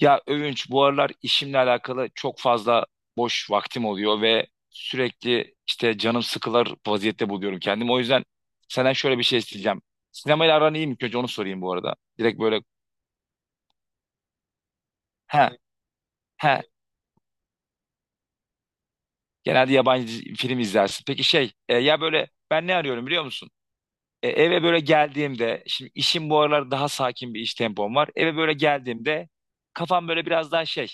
Ya Övünç, bu aralar işimle alakalı çok fazla boş vaktim oluyor ve sürekli işte canım sıkılır vaziyette buluyorum kendimi. O yüzden senden şöyle bir şey isteyeceğim. Sinemayla aran iyi mi? İlk önce onu sorayım bu arada. Direkt böyle. He, he. Genelde yabancı film izlersin. Peki şey ya böyle ben ne arıyorum biliyor musun? Eve böyle geldiğimde şimdi işim bu aralar daha sakin bir iş tempom var. Eve böyle geldiğimde kafam böyle biraz daha şey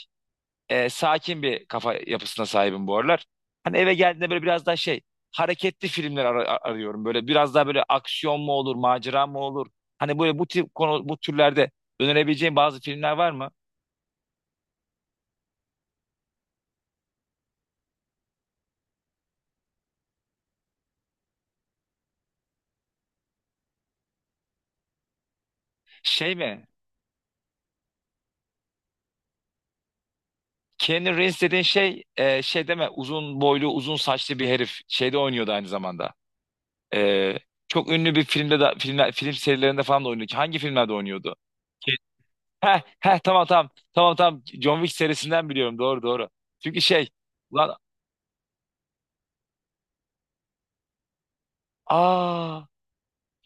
sakin bir kafa yapısına sahibim bu aralar. Hani eve geldiğinde böyle biraz daha şey hareketli filmler arıyorum. Böyle biraz daha böyle aksiyon mu olur, macera mı olur? Hani böyle bu tip konu bu türlerde önerebileceğim bazı filmler var mı? Şey mi? Keanu Reeves dediğin şey şey deme, uzun boylu uzun saçlı bir herif şeyde oynuyordu aynı zamanda. E, çok ünlü bir filmde de, filmler, film serilerinde falan da oynuyordu. Hangi filmlerde oynuyordu? Heh, heh, tamam tamam. Tamam tamam. John Wick serisinden biliyorum. Doğru doğru. Çünkü şey. lan aa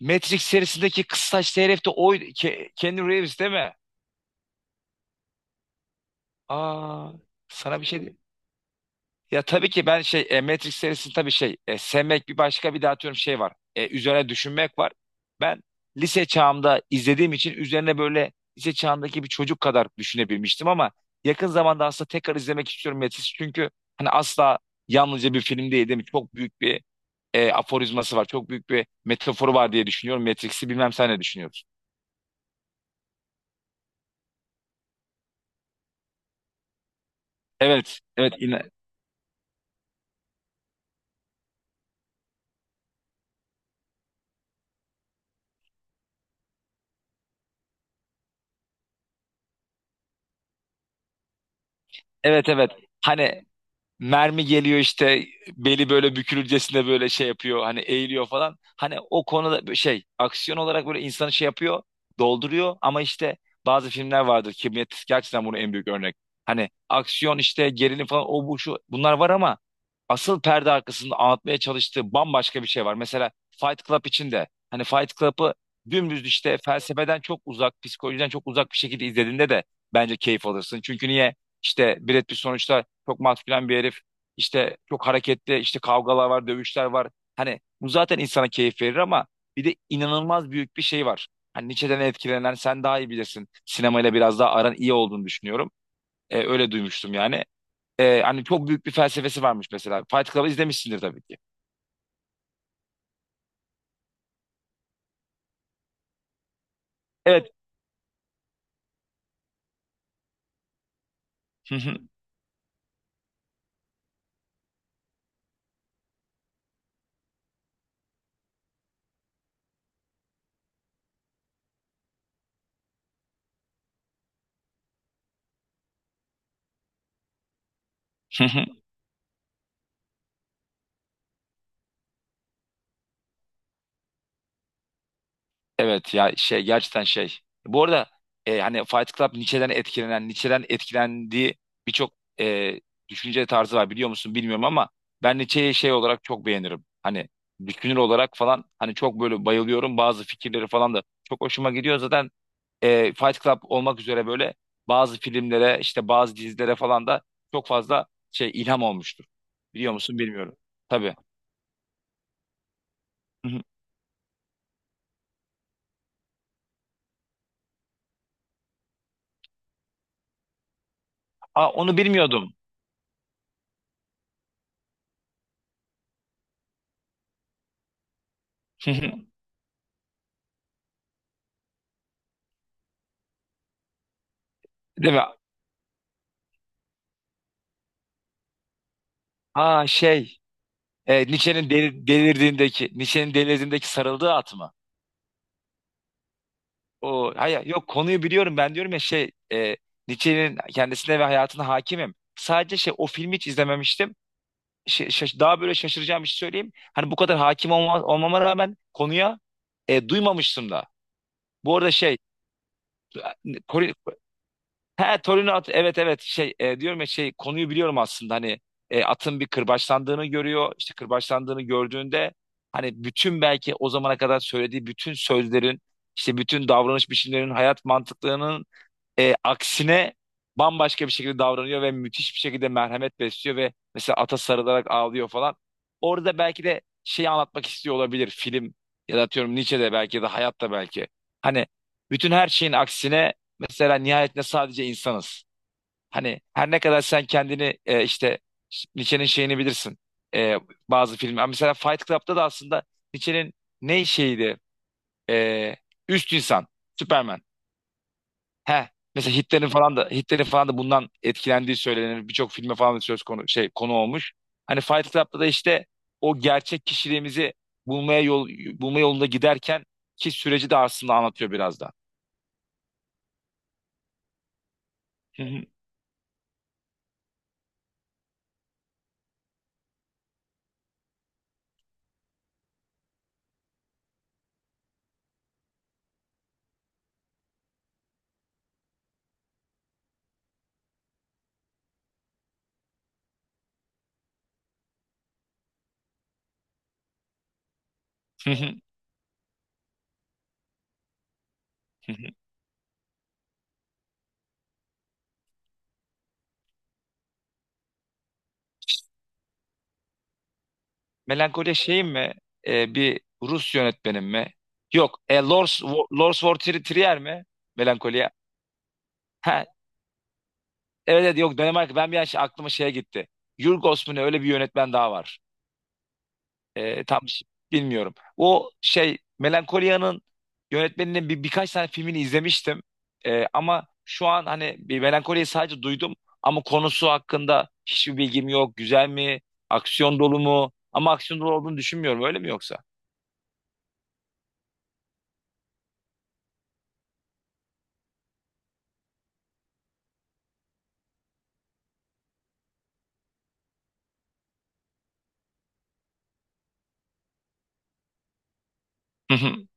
Matrix serisindeki kıs saçlı herif de o Keanu Reeves, değil mi? Aa, sana bir şey diyeyim. Ya tabii ki ben şey Matrix serisi tabii şey sevmek bir başka, bir de atıyorum şey var. Üzerine düşünmek var. Ben lise çağımda izlediğim için üzerine böyle lise çağındaki bir çocuk kadar düşünebilmiştim ama yakın zamanda aslında tekrar izlemek istiyorum Matrix, çünkü hani asla yalnızca bir film değil, değil mi? Çok büyük bir aforizması var. Çok büyük bir metaforu var diye düşünüyorum. Matrix'i bilmem, sen ne düşünüyorsun? Evet, evet, evet, evet. Hani mermi geliyor işte, beli böyle bükülürcesine böyle şey yapıyor hani, eğiliyor falan. Hani o konuda böyle şey aksiyon olarak böyle insanı şey yapıyor, dolduruyor ama işte bazı filmler vardır, Kibriyatik gerçekten bunun en büyük örnek. Hani aksiyon işte, gerilim falan o bu şu bunlar var ama asıl perde arkasında anlatmaya çalıştığı bambaşka bir şey var. Mesela Fight Club için de, hani Fight Club'ı dümdüz işte felsefeden çok uzak, psikolojiden çok uzak bir şekilde izlediğinde de bence keyif alırsın. Çünkü niye? İşte Brad Pitt sonuçta çok maskülen bir herif. İşte çok hareketli, işte kavgalar var, dövüşler var. Hani bu zaten insana keyif verir ama bir de inanılmaz büyük bir şey var. Hani Nietzsche'den etkilenen, sen daha iyi bilirsin. Sinemayla biraz daha aran iyi olduğunu düşünüyorum. Öyle duymuştum yani. Hani çok büyük bir felsefesi varmış mesela. Fight Club'ı izlemişsindir tabii ki. Evet. Evet ya, şey gerçekten şey. Bu arada hani Fight Club Nietzsche'den etkilenen, Nietzsche'den etkilendiği birçok e, düşünce tarzı var, biliyor musun bilmiyorum ama ben Nietzsche'yi şey olarak çok beğenirim. Hani düşünür olarak falan, hani çok böyle bayılıyorum. Bazı fikirleri falan da çok hoşuma gidiyor. Zaten Fight Club olmak üzere böyle bazı filmlere, işte bazı dizilere falan da çok fazla şey ilham olmuştur. Biliyor musun bilmiyorum. Tabii. Hı hı. Aa, onu bilmiyordum. Değil mi? Aa, şey. Nietzsche'nin delirdiğindeki, Nietzsche'nin delirdiğindeki sarıldığı at mı? O, hayır, yok, konuyu biliyorum ben diyorum ya, şey Nietzsche'nin kendisine ve hayatına hakimim. Sadece şey, o filmi hiç izlememiştim. Şey, daha böyle şaşıracağım bir şey söyleyeyim. Hani bu kadar hakim olmama rağmen konuya duymamıştım da. Bu arada şey. He, Torino at, evet evet, şey diyorum ya şey, konuyu biliyorum aslında hani atın bir kırbaçlandığını görüyor, işte kırbaçlandığını gördüğünde hani bütün, belki o zamana kadar söylediği bütün sözlerin, işte bütün davranış biçimlerinin, hayat mantıklarının aksine bambaşka bir şekilde davranıyor ve müthiş bir şekilde merhamet besliyor ve mesela ata sarılarak ağlıyor falan. Orada belki de şeyi anlatmak istiyor olabilir film, ya da atıyorum Nietzsche'de belki, ya da hayatta belki. Hani bütün her şeyin aksine, mesela nihayetinde sadece insanız. Hani her ne kadar sen kendini işte Nietzsche'nin şeyini bilirsin. E, bazı film. Ha, mesela Fight Club'da da aslında Nietzsche'nin ne şeydi? E, üst insan. Superman. He. Mesela Hitler'in falan da, Hitler'in falan da bundan etkilendiği söylenir. Birçok filme falan da söz konu, şey konu olmuş. Hani Fight Club'da da işte o gerçek kişiliğimizi bulmaya yol, bulma yolunda giderken ki süreci de aslında anlatıyor biraz da. Hı hı, hı hı, hı hı. Melancholia şeyim mi? Bir Rus yönetmenim mi? Yok. Lars von Trier mi? Melancholia. Ha, evet, evet, yok Danimarka. Ben bir an aklıma şeye gitti. Yorgos mu ne, öyle bir yönetmen daha var. Tam bilmiyorum. O şey, Melankolia'nın yönetmeninin birkaç tane filmini izlemiştim. Ama şu an hani bir, Melankolia'yı sadece duydum ama konusu hakkında hiçbir bilgim yok. Güzel mi? Aksiyon dolu mu? Ama aksiyon dolu olduğunu düşünmüyorum. Öyle mi yoksa? Hı hı.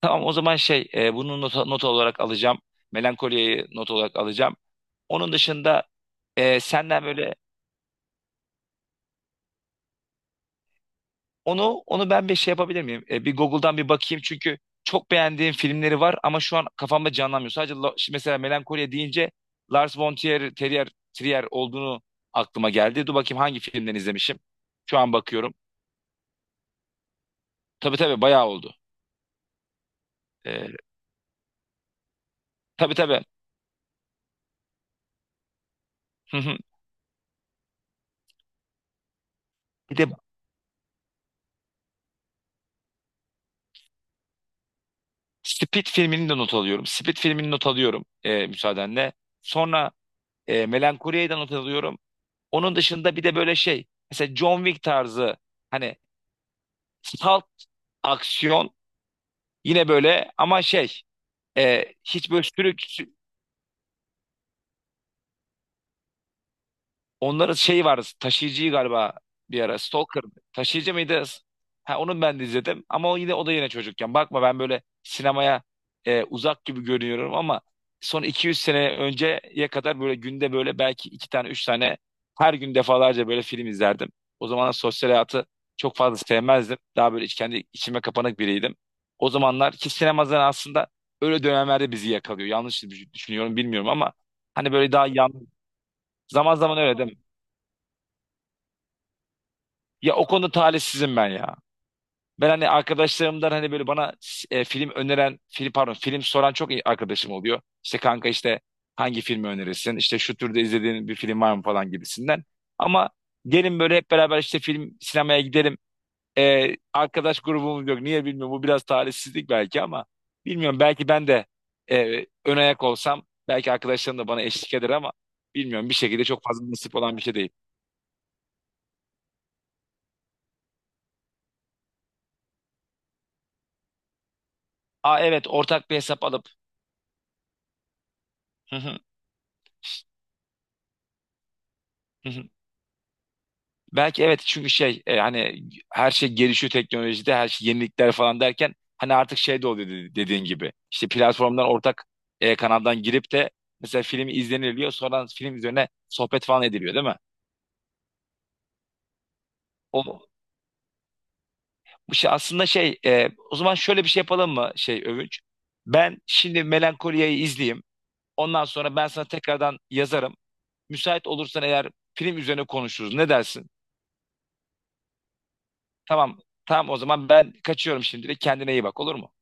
Tamam o zaman şey bunu not olarak alacağım. Melankoliyi not olarak alacağım. Onun dışında senden böyle, onu ben bir şey yapabilir miyim? Bir Google'dan bir bakayım, çünkü çok beğendiğim filmleri var ama şu an kafamda canlanmıyor. Sadece şimdi mesela, Melankoliye deyince Lars von Trier, Terrier, Trier olduğunu aklıma geldi. Dur bakayım hangi filmden izlemişim. Şu an bakıyorum. Tabii tabii, bayağı oldu. E, tabii tabii. Hı hı. Bir de Split filmini de not alıyorum. Split filmini not alıyorum müsaadenle. Sonra Melankolia'yı da not alıyorum. Onun dışında bir de böyle şey. Mesela John Wick tarzı hani, salt aksiyon. Yine böyle ama şey hiç böyle onların şey vardı, taşıyıcıyı galiba, bir ara Stalker, taşıyıcı mıydı? Ha, onu ben de izledim ama o yine, o da yine çocukken. Bakma, ben böyle sinemaya uzak gibi görünüyorum ama son 200 sene önceye kadar böyle günde böyle belki iki tane üç tane, her gün defalarca böyle film izlerdim. O zamanlar sosyal hayatı çok fazla sevmezdim. Daha böyle iç, kendi içime kapanık biriydim. O zamanlar ki sinemazdan aslında, öyle dönemlerde bizi yakalıyor. Yanlış düşünüyorum bilmiyorum ama hani böyle daha yan, zaman zaman öyle. Ya o konuda talihsizim ben ya. Ben hani arkadaşlarımdan hani böyle bana film öneren, film pardon, film soran çok iyi arkadaşım oluyor. İşte kanka, işte hangi filmi önerirsin? İşte şu türde izlediğin bir film var mı falan gibisinden. Ama gelin böyle hep beraber işte film, sinemaya gidelim. Arkadaş grubumuz yok. Niye bilmiyorum. Bu biraz talihsizlik belki ama bilmiyorum. Belki ben de ön ayak olsam belki arkadaşlarım da bana eşlik eder ama bilmiyorum. Bir şekilde çok fazla nasip olan bir şey değil. Aa, evet, ortak bir hesap alıp. Belki, evet, çünkü şey hani her şey gelişiyor, teknolojide her şey yenilikler falan derken hani artık şey de oluyor dediğin gibi. İşte platformdan ortak kanaldan girip de mesela film izleniliyor, sonra film üzerine sohbet falan ediliyor, değil mi? O bu şey aslında, şey o zaman şöyle bir şey yapalım mı şey, Övünç? Ben şimdi Melankolia'yı izleyeyim. Ondan sonra ben sana tekrardan yazarım. Müsait olursan eğer film üzerine konuşuruz. Ne dersin? Tamam. Tamam o zaman ben kaçıyorum şimdilik. Kendine iyi bak, olur mu?